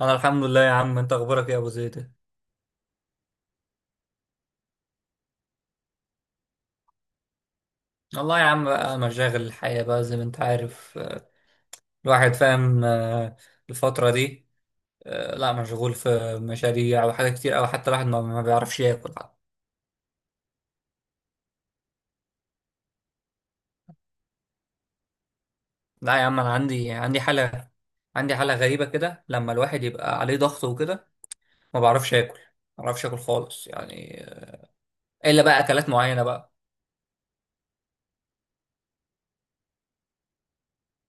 انا الحمد لله يا عم، انت اخبارك ايه يا ابو زيد؟ والله يا عم، بقى مشاغل الحياة بقى زي ما انت عارف، الواحد فاهم. الفترة دي، لا، مشغول في مشاريع وحاجات كتير، او حتى الواحد ما بيعرفش ياكل حتى. لا يا عم، انا عندي حالة، عندي حالة غريبة كده لما الواحد يبقى عليه ضغط وكده، ما بعرفش اكل، ما بعرفش اكل خالص يعني. الا بقى اكلات معينة بقى.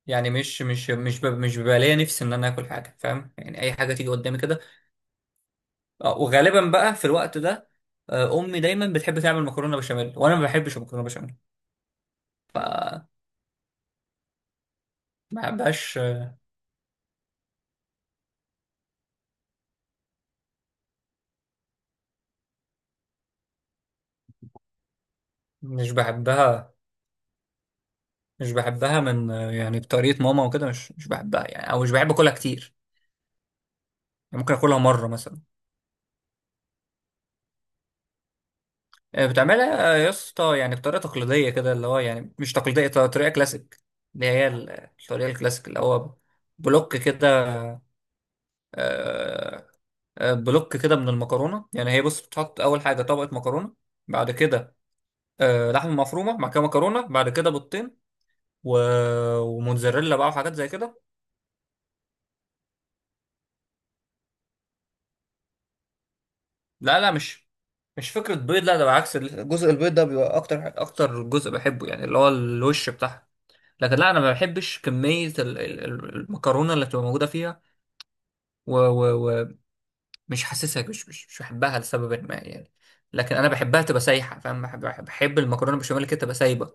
يعني مش بيبقى ليا نفسي ان انا اكل حاجة، فاهم؟ يعني اي حاجة تيجي قدامي كده. وغالبا بقى في الوقت ده، امي دايما بتحب تعمل مكرونه بشاميل، وانا ما بحبش المكرونه بشاميل. ف ما بحبهاش. مش بحبها مش بحبها من، يعني بطريقه ماما وكده، مش بحبها يعني، او مش بحب اكلها كتير، يعني ممكن اكلها مره مثلا. بتعملها، يا اسطى، يعني بطريقه تقليديه كده، اللي هو يعني مش تقليديه، طريقه كلاسيك، اللي هي الطريقه الكلاسيك، اللي هو بلوك كده. آه، بلوك كده من المكرونه. يعني هي بص، بتحط اول حاجه طبقه مكرونه، بعد كده لحمه مفرومه مع كده مكرونه، بعد كده بيضتين و... وموتزاريلا بقى وحاجات زي كده. لا لا، مش فكره بيض، لا، ده بالعكس الجزء البيض ده بيبقى اكتر جزء بحبه، يعني اللي هو الوش بتاعها. لكن لا، انا ما بحبش كميه المكرونه اللي بتبقى موجوده فيها. ومش و... و- ومش حاسسها، مش بحبها لسبب ما يعني. لكن انا بحبها تبقى سايحه، فاهم؟ بحب المكرونه بالبشاميل كده تبقى سايبه.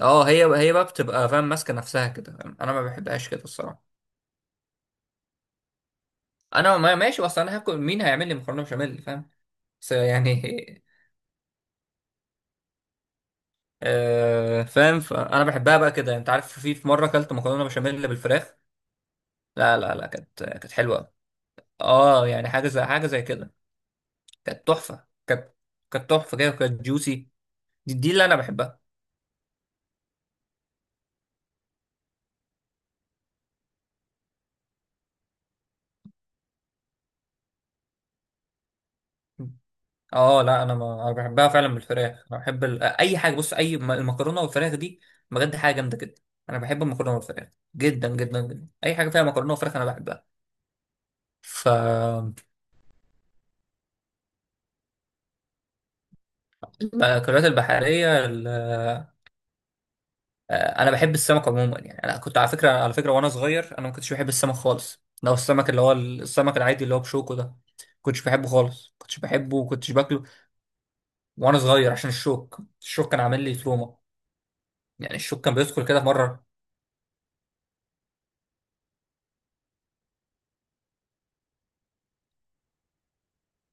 اه، هي بقى بتبقى، فاهم؟ ماسكه نفسها كده، فاهم؟ انا ما بحبهاش كده الصراحه. انا، ما ماشي، بس انا هاكل، مين هيعمل لي مكرونه بشاميل، فاهم؟ بس يعني فاهم؟ فانا بحبها بقى كده. انت عارف، في مره اكلت مكرونه بشاميل بالفراخ، لا لا لا، كانت حلوه. اه، يعني حاجه زي كده. كانت تحفه، كانت تحفه كده وكانت جوسي. دي اللي انا بحبها. اه لا، انا ما انا بحبها فعلا بالفراخ. انا بحب ال... اي حاجه بص اي م- المكرونه والفراخ دي بجد حاجه جامده جدا. انا بحب المكرونه والفراخ جدا جدا جدا، اي حاجه فيها مكرونه وفراخ انا بحبها. ف المأكولات البحرية، أنا بحب السمك عموما. يعني أنا كنت، على فكرة، وأنا صغير أنا ما كنتش بحب السمك خالص، لو السمك اللي هو السمك العادي اللي هو بشوكه ده، كنتش بحبه خالص، كنتش بحبه وكنتش باكله. وأنا صغير عشان الشوك كان عامل لي تروما، يعني الشوك كان بيدخل كده في مرة.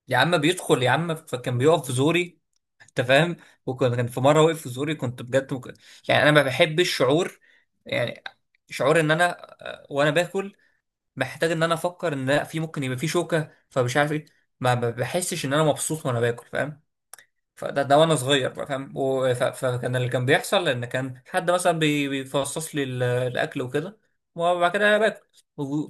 يا عم بيدخل يا عم، فكان بيقف في زوري، أنت فاهم؟ وكان في مرة وقف في زوري، كنت بجد ممكن يعني. أنا ما بحبش الشعور، يعني شعور إن أنا، وأنا باكل، محتاج ان انا افكر ان لا، في ممكن يبقى في شوكه، فمش عارف ايه. ما بحسش ان انا مبسوط وانا باكل، فاهم؟ ده وانا صغير بقى، فاهم؟ فكان اللي كان بيحصل، ان كان حد مثلا بيفصص لي الاكل وكده، وبعد كده انا باكل. و-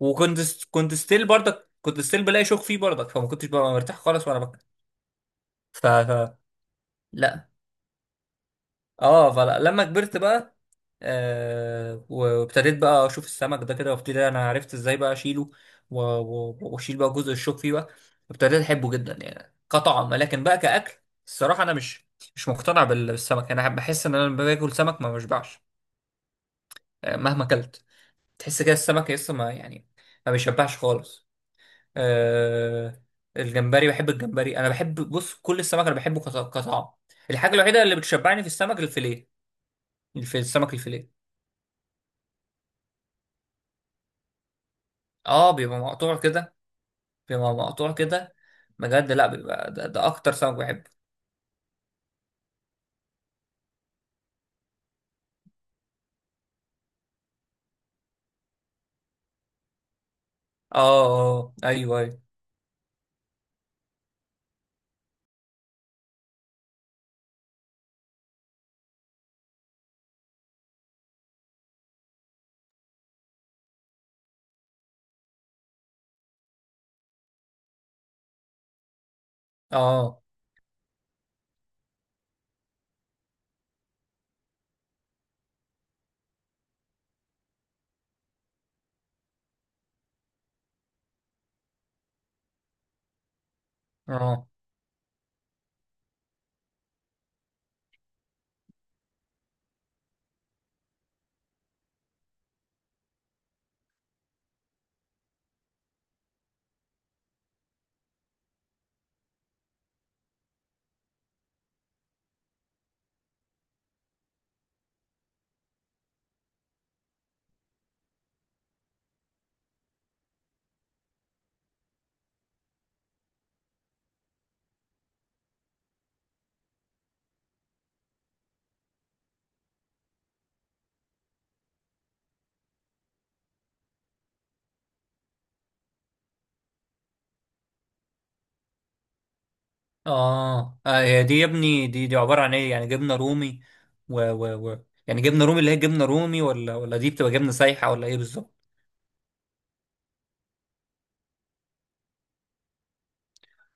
كنت ستيل برضك، كنت ستيل بلاقي شوك فيه برضك، فما كنتش ببقى مرتاح خالص وانا باكل. ف ف- لا. اه، فلما كبرت بقى، وابتديت بقى اشوف السمك ده كده، وابتدي انا عرفت ازاي بقى اشيله، واشيل بقى جزء الشوك فيه بقى. ابتديت احبه جدا يعني كطعم، لكن بقى كاكل الصراحه انا مش مقتنع بالسمك. انا بحس ان انا لما باكل سمك ما بشبعش، مهما اكلت، تحس كده السمك لسه، ما يعني، ما بيشبعش خالص. آه الجمبري، بحب الجمبري. انا بحب، بص، كل السمك انا بحبه كطعم. الحاجه الوحيده اللي بتشبعني في السمك، الفيليه، في السمك الفيليه. اه، بيبقى مقطوع كده، بيبقى مقطوع كده بجد. لا، بيبقى ده اكتر سمك بحبه. اه، اه، ايوه، ايوه. اه، اه، اه هي دي يا ابني، دي عبارة عن ايه؟ يعني جبنة رومي و يعني جبنة رومي، اللي هي جبنة رومي، ولا دي بتبقى جبنة سايحة، ولا ايه بالظبط؟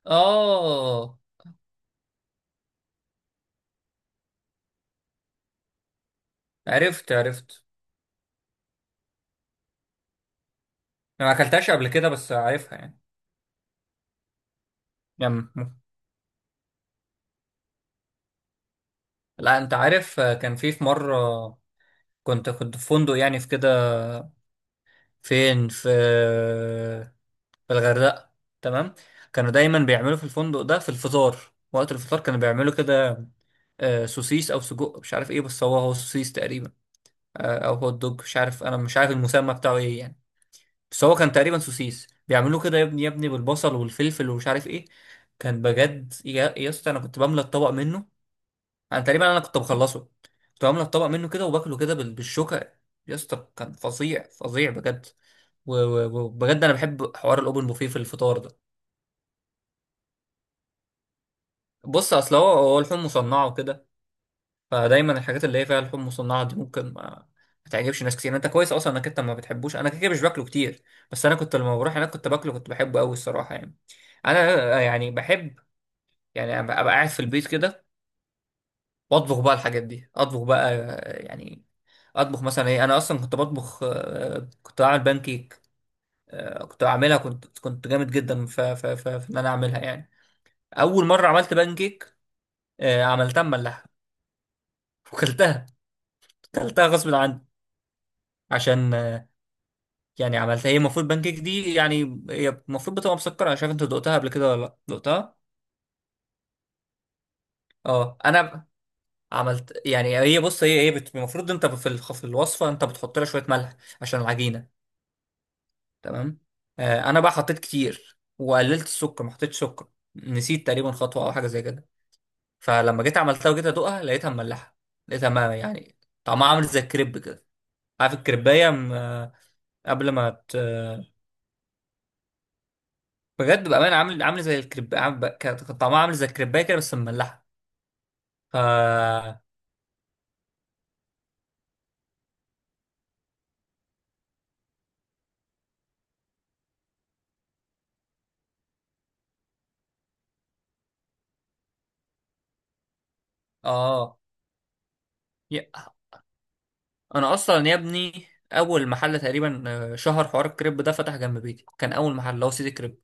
اه، عرفت. انا ما اكلتهاش قبل كده بس عارفها يعني. يعني م- لا، انت عارف، كان في مرة، كنت في فندق يعني في كده، في في الغردقة، تمام. كانوا دايما بيعملوا في الفندق ده في الفطار، وقت الفطار كانوا بيعملوا كده، سوسيس او سجق مش عارف ايه، بس هو سوسيس تقريبا. او هوت دوج، مش عارف، انا مش عارف المسمى بتاعه ايه يعني. بس هو كان تقريبا سوسيس، بيعملوه كده يا ابني بالبصل والفلفل ومش عارف ايه. كان بجد يا اسطى، انا كنت بملى الطبق منه، انا تقريبا انا كنت بخلصه، كنت بملى الطبق منه كده وباكله كده بالشوكة. يا اسطى كان فظيع، فظيع بجد. وبجد انا بحب حوار الاوبن بوفيه في الفطار ده. بص، اصل هو اللحوم مصنعه وكده، فدايما الحاجات اللي هي فيها لحوم مصنعه دي ممكن ما تعجبش ناس كتير. انت كويس اصلا انك انت ما بتحبوش، انا كده كده مش باكله كتير، بس انا كنت لما بروح هناك كنت باكله، كنت بحبه قوي الصراحه يعني. انا يعني بحب يعني ابقى، قاعد في البيت كده واطبخ بقى الحاجات دي، اطبخ بقى، يعني اطبخ مثلا ايه. انا اصلا كنت بطبخ، كنت بعمل بانكيك، كنت بعملها، كنت جامد جدا في ان انا اعملها يعني. اول مره عملت بانكيك، عملتها مملحه وكلتها، كلتها غصب عني. عشان يعني عملتها، هي المفروض بانكيك دي يعني هي المفروض بتبقى مسكره، مش عارف انت دقتها قبل كده ولا لا دقتها. اه، عملت، يعني هي بص، المفروض انت في في الوصفه انت بتحط لها شويه ملح عشان العجينه، تمام. آه انا بقى حطيت كتير وقللت السكر، ما حطيتش سكر، نسيت تقريبا خطوه او حاجه زي كده. فلما جيت عملتها وجيت ادوقها لقيتها مملحه، لقيتها، ما يعني، طعمها عامل زي الكريب كده. عارف الكريبايه، قبل ما بجد بأمانة عامل، زي الكريب، كان طعمها عامل زي الكريباية كده بس مملحة. فا اه، يا- أنا أصلا يا ابني، أول محل تقريبا، شهر حوار الكريب ده فتح جنب بيتي، كان أول محل اللي هو سيدي كريب.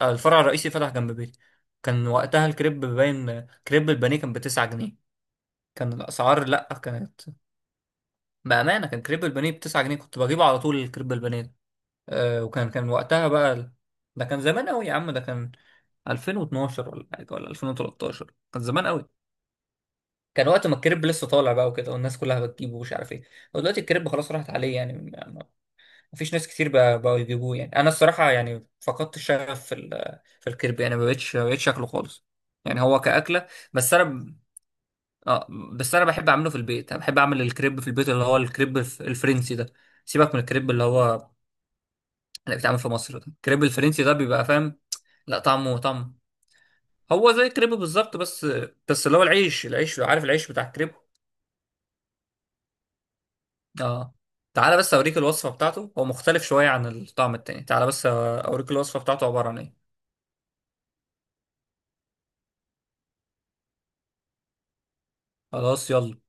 الفرع الرئيسي فتح جنب بيتي. كان وقتها الكريب باين، كريب البانيه كان بـ9 جنيه. كان الأسعار، لأ كانت، بأمانة كان كريب البانيه بـ9 جنيه، كنت بجيبه على طول الكريب البانيه. وكان وقتها بقى ده كان زمان قوي يا عم، ده كان 2012 ولا حاجه ولا 2013، كان زمان قوي. كان وقت ما الكريب لسه طالع بقى وكده، والناس كلها بتجيبه، ومش عارف ايه. هو دلوقتي الكريب خلاص راحت عليه، يعني مفيش ناس كتير بقوا يجيبوه. يعني انا الصراحه يعني فقدت الشغف في في الكريب، يعني ما بقتش شكله خالص يعني، هو كأكلة. بس انا ب- اه، بس انا بحب اعمله في البيت، انا بحب اعمل الكريب في البيت، اللي هو الكريب الفرنسي ده. سيبك من الكريب اللي هو اللي بيتعمل في مصر ده، الكريب الفرنسي ده بيبقى، فاهم؟ لا، طعمه طعم، هو زي الكريب بالظبط، بس اللي هو العيش، عارف العيش بتاع الكريب، اه. تعالى بس اوريك الوصفة بتاعته، هو مختلف شوية عن الطعم التاني، تعالى بس اوريك الوصفة بتاعته عبارة عن ايه. خلاص يلا.